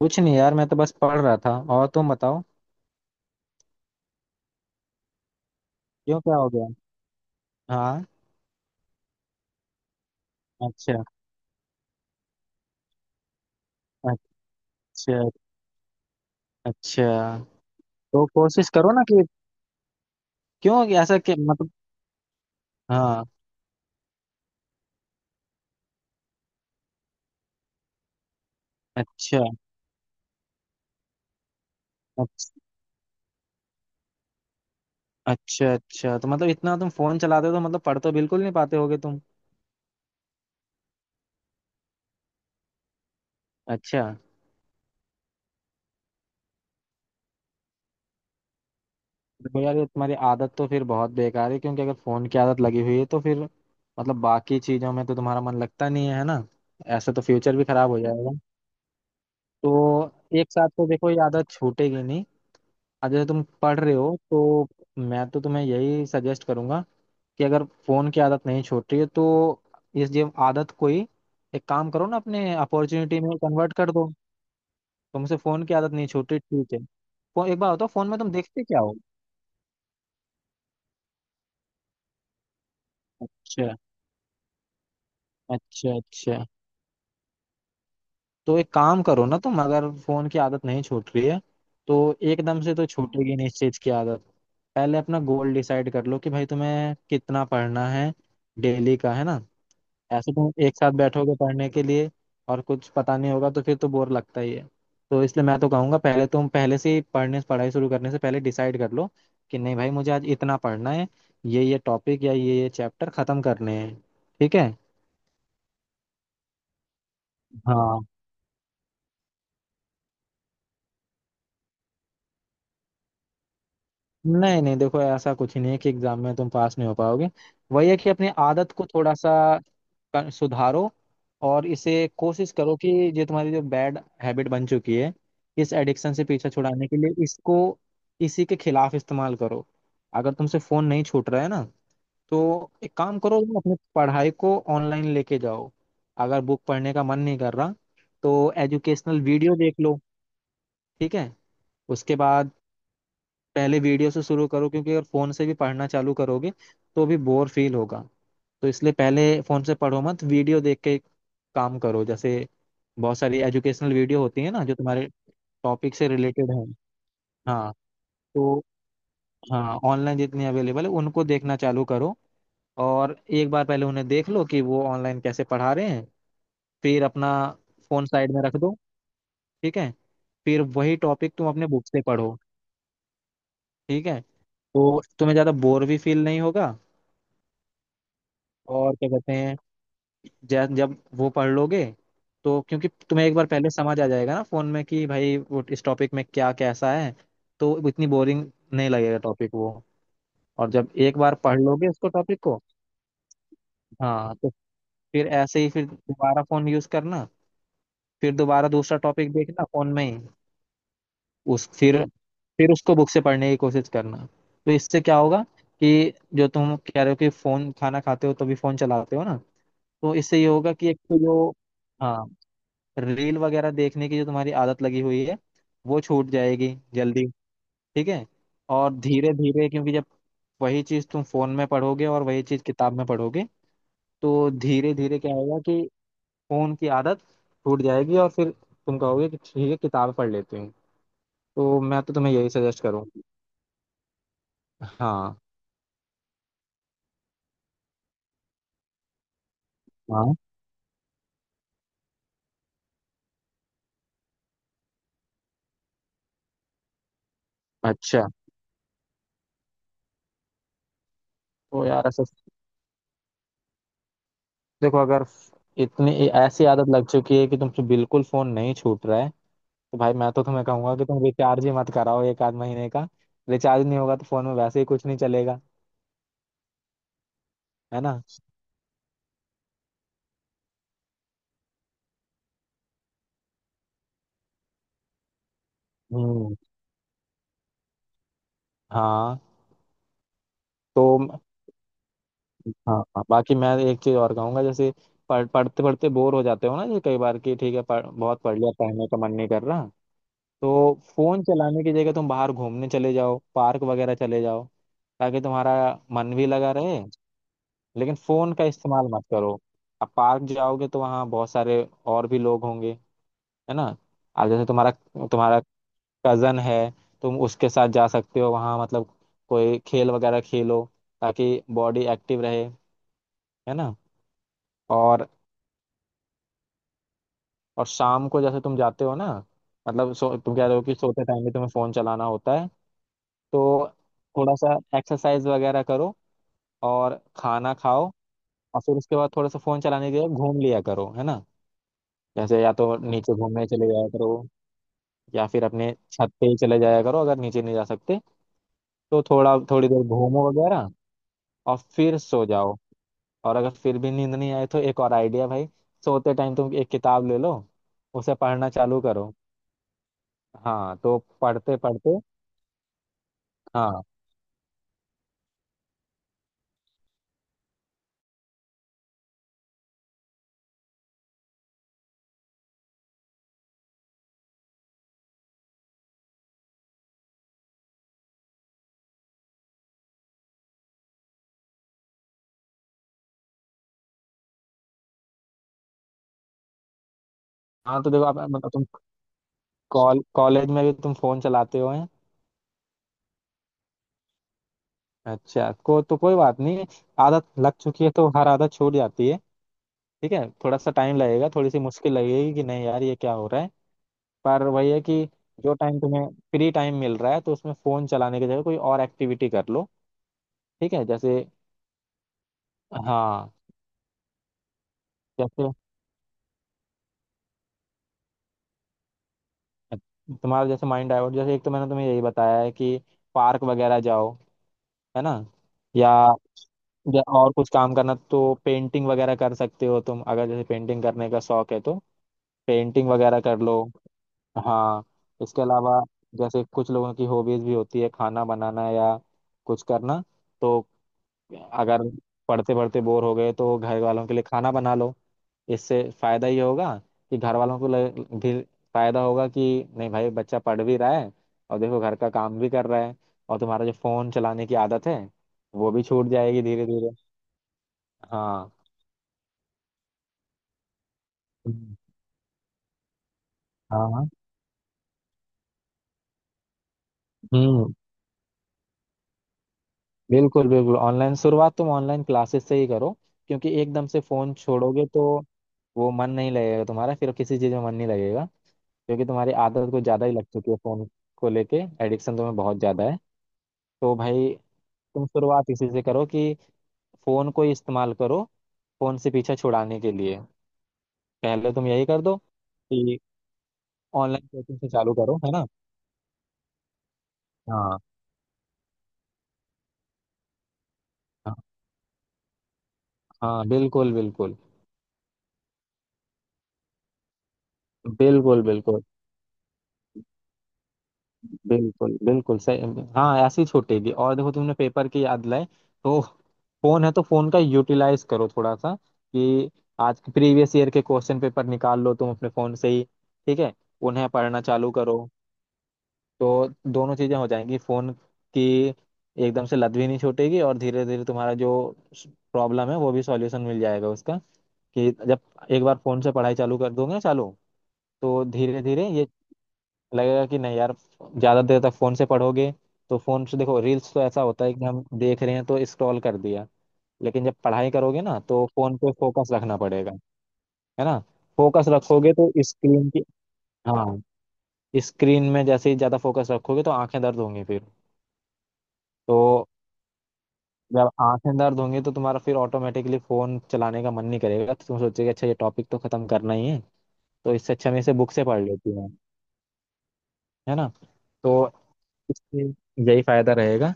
कुछ नहीं यार, मैं तो बस पढ़ रहा था। और तुम बताओ। क्यों, क्या हो गया। हाँ। अच्छा। अच्छा। अच्छा तो कोशिश करो ना कि क्यों ऐसा कि मतलब। हाँ। अच्छा। अच्छा। अच्छा अच्छा, तो मतलब इतना तुम फोन चलाते हो तो मतलब पढ़ तो बिल्कुल नहीं पाते होगे तुम। अच्छा। देखो यार, ये तुम्हारी आदत तो फिर बहुत बेकार है, क्योंकि अगर फोन की आदत लगी हुई है तो फिर मतलब बाकी चीजों में तो तुम्हारा मन लगता नहीं है, है ना। ऐसे तो फ्यूचर भी खराब हो जाएगा। तो एक साथ तो देखो ये आदत छूटेगी नहीं। आज जैसे तुम पढ़ रहे हो, तो मैं तो तुम्हें यही सजेस्ट करूंगा कि अगर फोन की आदत नहीं छोड़ रही है तो इस ये आदत को ही एक काम करो ना, अपने अपॉर्चुनिटी में कन्वर्ट कर दो। तुमसे फोन की आदत नहीं छूट रही, ठीक है। एक बार बताओ फोन में तुम देखते क्या हो। अच्छा। अच्छा अच्छा, तो एक काम करो ना तुम, अगर फोन की आदत नहीं छूट रही है तो एकदम से तो छूटेगी नहीं इस चीज की आदत। पहले अपना गोल डिसाइड कर लो कि भाई तुम्हें कितना पढ़ना है, डेली का, है ना। ऐसे तुम एक साथ बैठोगे पढ़ने के लिए और कुछ पता नहीं होगा तो फिर तो बोर लगता ही है। तो इसलिए मैं तो कहूंगा पहले तुम पहले से ही पढ़ने पढ़ाई शुरू करने से पहले डिसाइड कर लो कि नहीं भाई मुझे आज इतना पढ़ना है, ये टॉपिक या ये चैप्टर खत्म करने हैं। ठीक है। हाँ, नहीं नहीं, देखो ऐसा कुछ ही नहीं है कि एग्जाम में तुम पास नहीं हो पाओगे। वही है कि अपनी आदत को थोड़ा सा सुधारो। और इसे कोशिश करो कि ये तुम्हारी जो बैड हैबिट बन चुकी है, इस एडिक्शन से पीछा छुड़ाने के लिए इसको इसी के खिलाफ इस्तेमाल करो। अगर तुमसे फोन नहीं छूट रहा है ना, तो एक काम करो, तुम अपनी पढ़ाई को ऑनलाइन लेके जाओ। अगर बुक पढ़ने का मन नहीं कर रहा तो एजुकेशनल वीडियो देख लो। ठीक है। उसके बाद पहले वीडियो से शुरू करो, क्योंकि अगर फोन से भी पढ़ना चालू करोगे तो भी बोर फील होगा। तो इसलिए पहले फोन से पढ़ो मत, वीडियो देख के काम करो। जैसे बहुत सारी एजुकेशनल वीडियो होती है ना जो तुम्हारे टॉपिक से रिलेटेड है। हाँ तो हाँ, ऑनलाइन जितनी अवेलेबल है उनको देखना चालू करो। और एक बार पहले उन्हें देख लो कि वो ऑनलाइन कैसे पढ़ा रहे हैं। फिर अपना फोन साइड में रख दो। ठीक है। फिर वही टॉपिक तुम अपने बुक से पढ़ो। ठीक है। तो तुम्हें ज्यादा बोर भी फील नहीं होगा। और क्या कहते हैं, जब जब वो पढ़ लोगे तो क्योंकि तुम्हें एक बार पहले समझ आ जाएगा ना फोन में कि भाई वो इस टॉपिक में क्या कैसा है। तो इतनी बोरिंग नहीं लगेगा टॉपिक वो। और जब एक बार पढ़ लोगे उसको टॉपिक को, हाँ तो फिर ऐसे ही फिर दोबारा फोन यूज करना, फिर दोबारा दूसरा टॉपिक देखना फोन में ही। उस फिर उसको बुक से पढ़ने की कोशिश करना। तो इससे क्या होगा कि जो तुम कह रहे हो कि फोन खाना खाते हो तभी फोन चलाते हो ना। तो इससे ये होगा कि एक तो जो, हाँ, रील वगैरह देखने की जो तुम्हारी आदत लगी हुई है वो छूट जाएगी जल्दी। ठीक है। और धीरे धीरे, क्योंकि जब वही चीज तुम फोन में पढ़ोगे और वही चीज किताब में पढ़ोगे, तो धीरे धीरे क्या होगा कि फोन की आदत छूट जाएगी और फिर तुम कहोगे कि ठीक है किताब पढ़ लेती हूँ। तो मैं तो तुम्हें यही सजेस्ट करूँगी। हाँ। हाँ। अच्छा। तो यार ऐसा, देखो अगर इतनी ऐसी आदत लग चुकी है कि तुमसे बिल्कुल फोन नहीं छूट रहा है, तो भाई मैं तो तुम्हें कहूंगा कि तुम रिचार्ज ही मत कराओ एक आध महीने का। रिचार्ज नहीं होगा तो फोन में वैसे ही कुछ नहीं चलेगा, है ना। हम्म। हाँ। तो म- हाँ हाँ, बाकी मैं एक चीज और कहूंगा। जैसे पढ़ते पढ़ते बोर हो जाते हो ना जैसे कई बार, कि ठीक है बहुत पढ़ लिया, पढ़ने का मन नहीं कर रहा। तो फोन चलाने की जगह तुम बाहर घूमने चले जाओ, पार्क वगैरह चले जाओ, ताकि तुम्हारा मन भी लगा रहे। लेकिन फोन का इस्तेमाल मत करो। अब पार्क जाओगे तो वहाँ बहुत सारे और भी लोग होंगे, है ना। अब जैसे तुम्हारा तुम्हारा कजन है, तुम उसके साथ जा सकते हो वहाँ। मतलब कोई खेल वगैरह खेलो, ताकि बॉडी एक्टिव रहे, है ना। और और शाम को जैसे तुम जाते हो ना, मतलब तुम कह रहे हो कि सोते टाइम भी तुम्हें फोन चलाना होता है। तो थोड़ा सा एक्सरसाइज वगैरह करो और खाना खाओ। और फिर उसके बाद थोड़ा सा फोन चलाने के लिए घूम लिया करो, है ना। जैसे या तो नीचे घूमने चले जाया करो, या फिर अपने छत पे ही चले जाया करो अगर नीचे नहीं जा सकते। तो थोड़ा थोड़ी देर घूमो वगैरह और फिर सो जाओ। और अगर फिर भी नींद नहीं आए तो एक और आइडिया भाई, सोते टाइम तुम एक किताब ले लो, उसे पढ़ना चालू करो। हाँ तो पढ़ते पढ़ते। हाँ हाँ, तो देखो आप मतलब तुम कॉलेज में भी तुम फोन चलाते हो हैं। अच्छा, को तो कोई बात नहीं, आदत लग चुकी है तो हर आदत छूट जाती है। ठीक है, थोड़ा सा टाइम लगेगा, थोड़ी सी मुश्किल लगेगी कि नहीं यार ये क्या हो रहा है, पर वही है कि जो टाइम तुम्हें फ्री टाइम मिल रहा है तो उसमें फोन चलाने की जगह कोई और एक्टिविटी कर लो। ठीक है। जैसे, हाँ, जैसे तुम्हारा जैसे माइंड डाइवर्ट, जैसे एक तो मैंने तुम्हें यही बताया है कि पार्क वगैरह जाओ, है ना। या या और कुछ काम करना तो पेंटिंग वगैरह कर सकते हो तुम, अगर जैसे पेंटिंग करने का शौक है तो पेंटिंग वगैरह कर लो। हाँ। इसके अलावा जैसे कुछ लोगों की हॉबीज भी होती है खाना बनाना या कुछ करना, तो अगर पढ़ते पढ़ते बोर हो गए तो घर वालों के लिए खाना बना लो। इससे फायदा ये होगा कि घर वालों को भी फायदा होगा कि नहीं भाई बच्चा पढ़ भी रहा है और देखो घर का काम भी कर रहा है। और तुम्हारा जो फोन चलाने की आदत है वो भी छूट जाएगी धीरे धीरे। हाँ। हम्म, हाँ। हम्म। बिल्कुल बिल्कुल, ऑनलाइन शुरुआत तुम ऑनलाइन क्लासेस से ही करो, क्योंकि एकदम से फोन छोड़ोगे तो वो मन नहीं लगेगा तुम्हारा, फिर किसी चीज में मन नहीं लगेगा, क्योंकि तुम्हारी आदत कुछ ज्यादा ही लग चुकी है फोन को लेके। एडिक्शन तुम्हें बहुत ज्यादा है। तो भाई तुम शुरुआत इसी से करो कि फोन को ही इस्तेमाल करो फोन से पीछा छुड़ाने के लिए। पहले तुम यही कर दो कि ऑनलाइन कोचिंग से चालू करो, है ना। हाँ हाँ, हाँ, बिल्कुल बिल्कुल बिल्कुल बिल्कुल बिल्कुल बिल्कुल सही। हाँ ऐसे ही छूटेगी। और देखो तुमने पेपर की याद लाए, तो फोन है तो फोन का यूटिलाइज करो थोड़ा सा, कि आज के प्रीवियस ईयर के क्वेश्चन पेपर निकाल लो तुम अपने फोन से ही। ठीक है। उन्हें पढ़ना चालू करो। तो दोनों चीजें हो जाएंगी, फोन की एकदम से लत भी नहीं छूटेगी और धीरे धीरे तुम्हारा जो प्रॉब्लम है वो भी सॉल्यूशन मिल जाएगा उसका। कि जब एक बार फोन से पढ़ाई चालू कर दोगे ना, चालू तो धीरे धीरे ये लगेगा कि नहीं यार ज्यादा देर तक फोन से पढ़ोगे। तो फोन से देखो रील्स तो ऐसा होता है कि हम देख रहे हैं तो स्क्रॉल कर दिया, लेकिन जब पढ़ाई करोगे ना तो फोन पे फोकस रखना पड़ेगा, है ना। फोकस रखोगे तो स्क्रीन की, हाँ, स्क्रीन में जैसे ही ज्यादा फोकस रखोगे तो आंखें दर्द होंगी फिर। तो जब आंखें दर्द होंगी तो तुम्हारा फिर ऑटोमेटिकली फोन चलाने का मन नहीं करेगा, तो तुम सोचोगे अच्छा ये टॉपिक तो खत्म करना ही है, तो इससे अच्छा मैं इसे बुक से पढ़ लेती हूँ, है ना। तो इससे यही फायदा रहेगा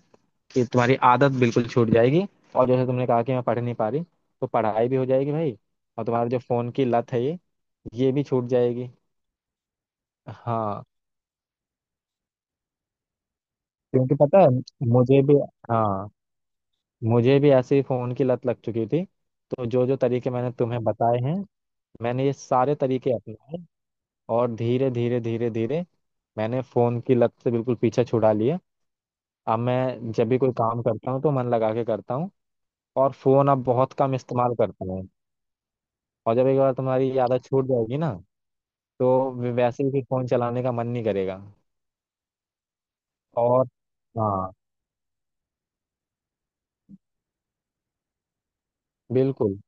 कि तुम्हारी आदत बिल्कुल छूट जाएगी। और जैसे तुमने कहा कि मैं पढ़ नहीं पा रही, तो पढ़ाई भी हो जाएगी भाई, और तुम्हारा जो फोन की लत है ये भी छूट जाएगी। हाँ, क्योंकि पता है मुझे भी, हाँ, मुझे भी ऐसे ही फोन की लत लग चुकी थी। तो जो जो तरीके मैंने तुम्हें बताए हैं, मैंने ये सारे तरीके अपनाए और धीरे धीरे धीरे धीरे मैंने फोन की लत से बिल्कुल पीछे छुड़ा लिया। अब मैं जब भी कोई काम करता हूँ तो मन लगा के करता हूँ और फोन अब बहुत कम इस्तेमाल करता हूँ। और जब एक बार तुम्हारी ये आदत छूट जाएगी ना, तो वैसे ही फिर फोन चलाने का मन नहीं करेगा। और हाँ, बिल्कुल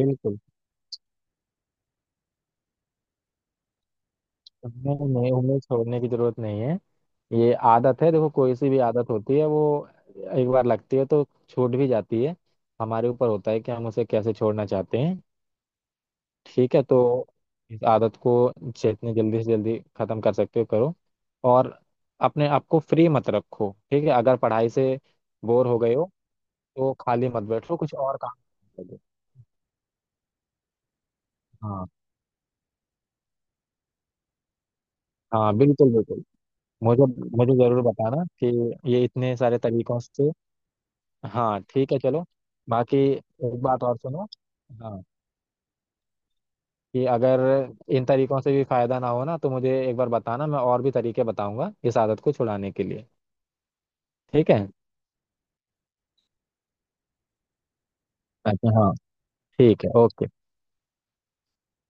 बिल्कुल, नहीं नहीं, उन्हें छोड़ने की जरूरत नहीं है। ये आदत है, देखो कोई सी भी आदत होती है वो एक बार लगती है तो छूट भी जाती है। हमारे ऊपर होता है कि हम उसे कैसे छोड़ना चाहते हैं। ठीक है। तो इस आदत को जितनी जल्दी से जल्दी खत्म कर सकते हो करो। और अपने आप को फ्री मत रखो, ठीक है, अगर पढ़ाई से बोर हो गए हो तो खाली मत बैठो, कुछ और काम करो। हाँ हाँ बिल्कुल बिल्कुल, मुझे मुझे जरूर बताना कि ये इतने सारे तरीकों से। हाँ ठीक है चलो, बाकी एक बात और सुनो, हाँ, कि अगर इन तरीकों से भी फायदा ना हो ना, तो मुझे एक बार बताना, मैं और भी तरीके बताऊंगा इस आदत को छुड़ाने के लिए। ठीक है। अच्छा हाँ, ठीक है, ओके।